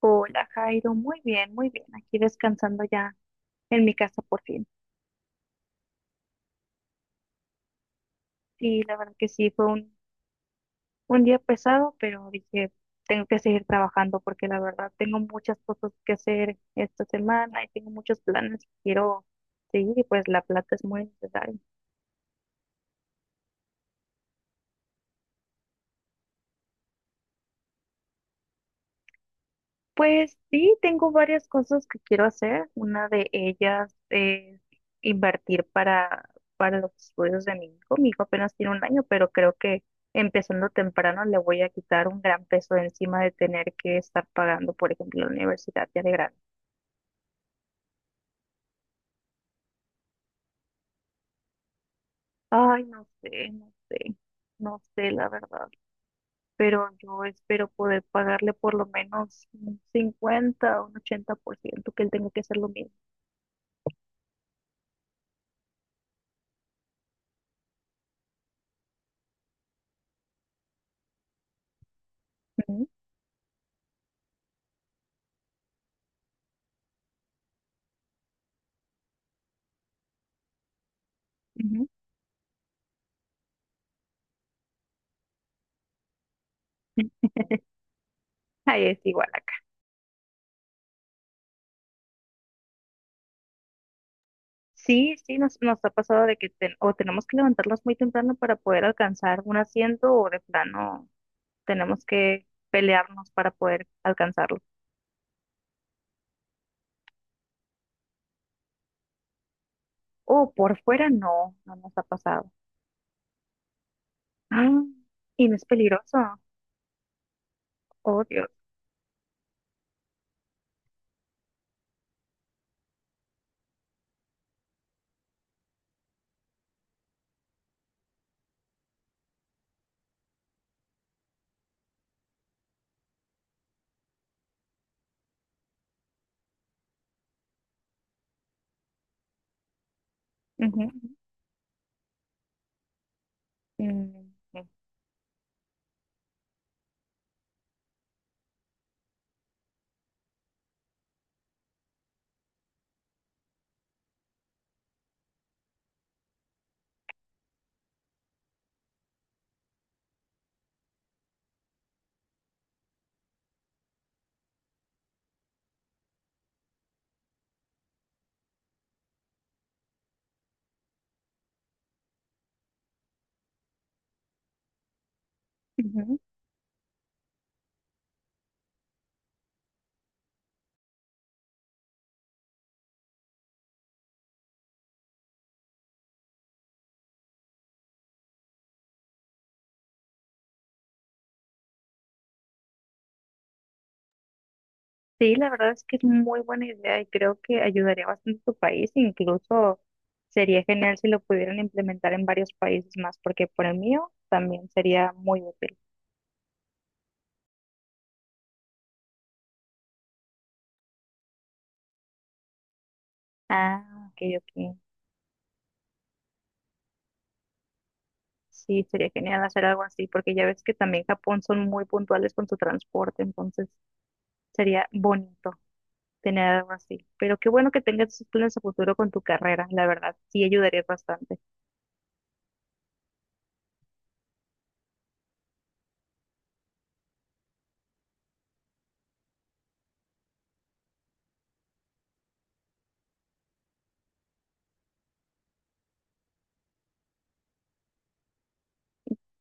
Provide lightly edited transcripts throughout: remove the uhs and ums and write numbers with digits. Hola, Jairo. Muy bien, muy bien. Aquí descansando ya en mi casa por fin. Sí, la verdad que sí, fue un día pesado, pero dije, tengo que seguir trabajando porque la verdad tengo muchas cosas que hacer esta semana y tengo muchos planes que quiero seguir y pues la plata es muy necesaria. Pues sí, tengo varias cosas que quiero hacer. Una de ellas es invertir para los estudios de mi hijo. Mi hijo apenas tiene un año, pero creo que empezando temprano le voy a quitar un gran peso de encima de tener que estar pagando, por ejemplo, la universidad ya de grande. Ay, no sé, no sé, no sé la verdad, pero yo espero poder pagarle por lo menos un 50% o un 80% que él tenga que hacer lo mismo. Ujú, ujú. Ahí es igual. Sí, sí, nos ha pasado de que o tenemos que levantarnos muy temprano para poder alcanzar un asiento o de plano tenemos que pelearnos para poder alcanzarlo. O por fuera no, no nos ha pasado. Ah, y no es peligroso. Oh, Dios. Ujú, ujú, ujú, ujú. Sí, la verdad es que es muy buena idea y creo que ayudaría bastante a tu país. Incluso sería genial si lo pudieran implementar en varios países más, porque por el mío también sería muy útil. Ah, ok, ok. Sí, sería genial hacer algo así, porque ya ves que también Japón son muy puntuales con su transporte, entonces sería bonito tener algo así. Pero qué bueno que tengas esos planes a futuro con tu carrera, la verdad, sí ayudarías bastante.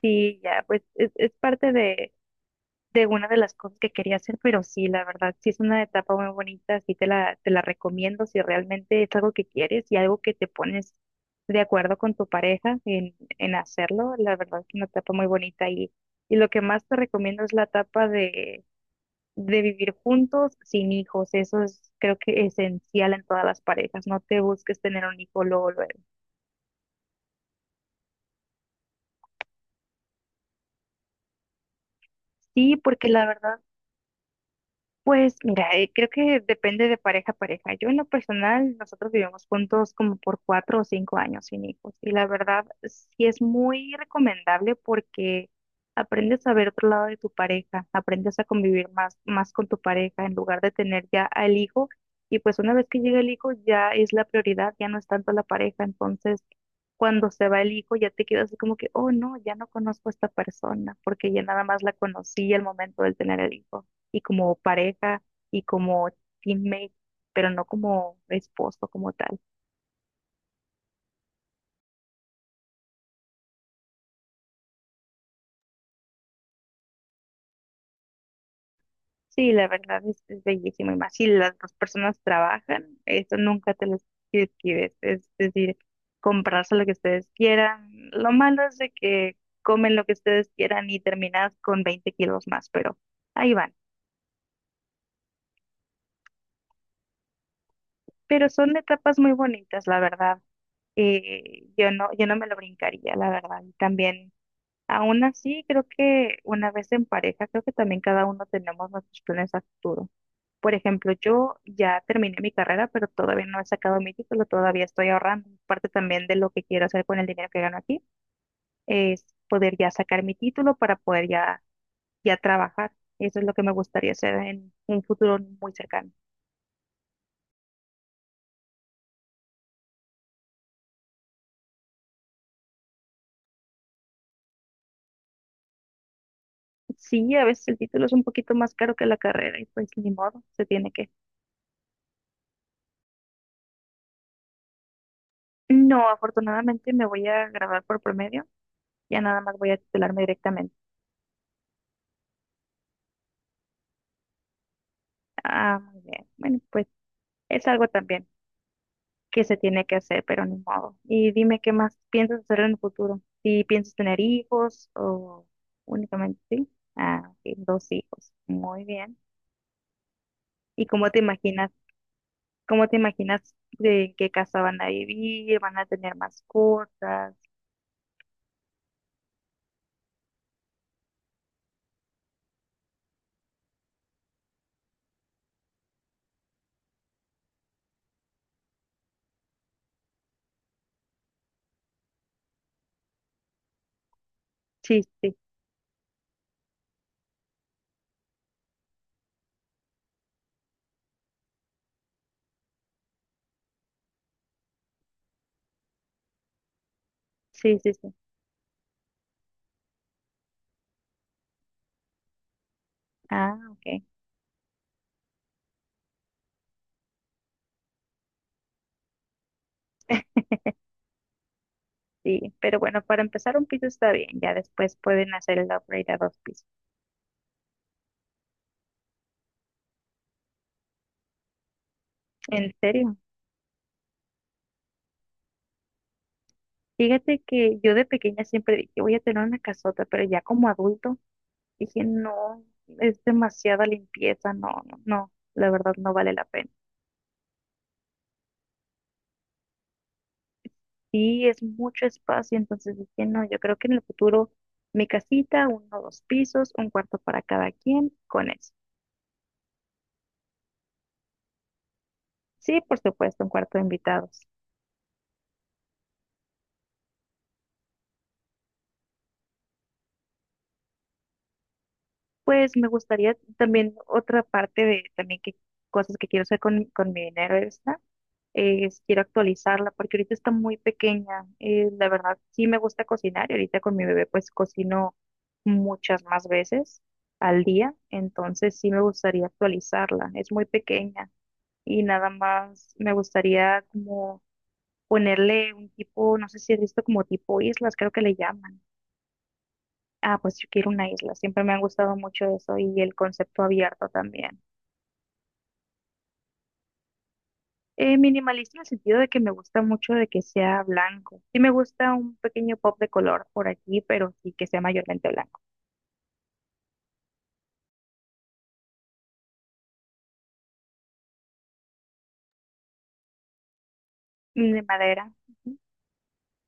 Sí, ya, pues es parte de una de las cosas que quería hacer, pero sí, la verdad, sí es una etapa muy bonita, sí te la recomiendo si realmente es algo que quieres y algo que te pones de acuerdo con tu pareja en hacerlo, la verdad es una etapa muy bonita y lo que más te recomiendo es la etapa de vivir juntos sin hijos, eso es creo que esencial en todas las parejas, no te busques tener un hijo luego, luego. Sí, porque la verdad. Pues mira, creo que depende de pareja a pareja. Yo en lo personal, nosotros vivimos juntos como por 4 o 5 años sin hijos y la verdad sí es muy recomendable porque aprendes a ver otro lado de tu pareja, aprendes a convivir más con tu pareja en lugar de tener ya al hijo y pues una vez que llega el hijo ya es la prioridad, ya no es tanto la pareja, entonces cuando se va el hijo ya te quedas así como que, oh no, ya no conozco a esta persona porque ya nada más la conocí al momento de tener el hijo y como pareja y como teammate, pero no como esposo como tal. Sí, la verdad es bellísimo. Y más si las dos personas trabajan, eso nunca te lo escribes. Es decir, comprarse lo que ustedes quieran. Lo malo es de que comen lo que ustedes quieran y terminas con 20 kilos más, pero ahí van. Pero son etapas muy bonitas, la verdad. Yo no me lo brincaría, la verdad. Y también. Aún así, creo que una vez en pareja, creo que también cada uno tenemos nuestros planes a futuro. Por ejemplo, yo ya terminé mi carrera, pero todavía no he sacado mi título, todavía estoy ahorrando. Parte también de lo que quiero hacer con el dinero que gano aquí es poder ya sacar mi título para poder ya trabajar. Eso es lo que me gustaría hacer en un futuro muy cercano. Sí, a veces el título es un poquito más caro que la carrera y pues ni modo, se tiene que. No, afortunadamente me voy a graduar por promedio, ya nada más voy a titularme directamente. Ah, muy bien. Bueno, pues es algo también que se tiene que hacer, pero ni modo. Y dime qué más piensas hacer en el futuro. Si piensas tener hijos o únicamente sí. Ah, ok, dos hijos. Muy bien. ¿Y cómo te imaginas de en qué casa van a vivir? ¿Van a tener mascotas? Sí, sí, sí, sí, sí. Ah, ok. Sí, pero bueno, para empezar un piso está bien, ya después pueden hacer el upgrade a dos pisos. ¿En serio? Fíjate que yo de pequeña siempre dije, voy a tener una casota, pero ya como adulto dije, no, es demasiada limpieza, no, no, no, la verdad no vale la pena. Sí, es mucho espacio, entonces dije, no, yo creo que en el futuro mi casita, uno o dos pisos, un cuarto para cada quien, con eso. Sí, por supuesto, un cuarto de invitados. Pues me gustaría también otra parte de también que cosas que quiero hacer con mi dinero, es quiero actualizarla porque ahorita está muy pequeña. La verdad, sí me gusta cocinar y ahorita con mi bebé pues cocino muchas más veces al día, entonces sí me gustaría actualizarla. Es muy pequeña y nada más me gustaría como ponerle un tipo, no sé si has visto como tipo islas, creo que le llaman. Ah, pues yo quiero una isla, siempre me ha gustado mucho eso y el concepto abierto también. Minimalista en el sentido de que me gusta mucho de que sea blanco. Sí me gusta un pequeño pop de color por aquí, pero sí que sea mayormente blanco. Mm. De madera. Ujú,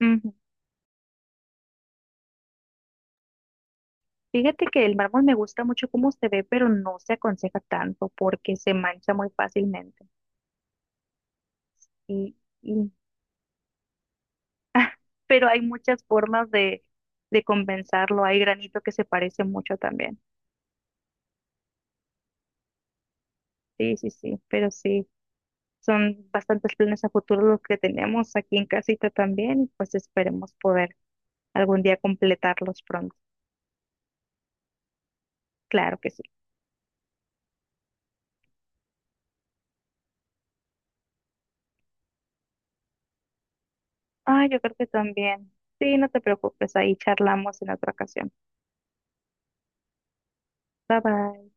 ujú. Fíjate que el mármol me gusta mucho cómo se ve, pero no se aconseja tanto porque se mancha muy fácilmente. Y, y- pero hay muchas formas de compensarlo. Hay granito que se parece mucho también. Sí, sí, sí, pero sí. Son bastantes planes a futuro los que tenemos aquí en casita también, y pues esperemos poder algún día completarlos pronto. Claro que sí. Ah, yo creo que también. Sí, no te preocupes, ahí charlamos en otra ocasión. Bye bye.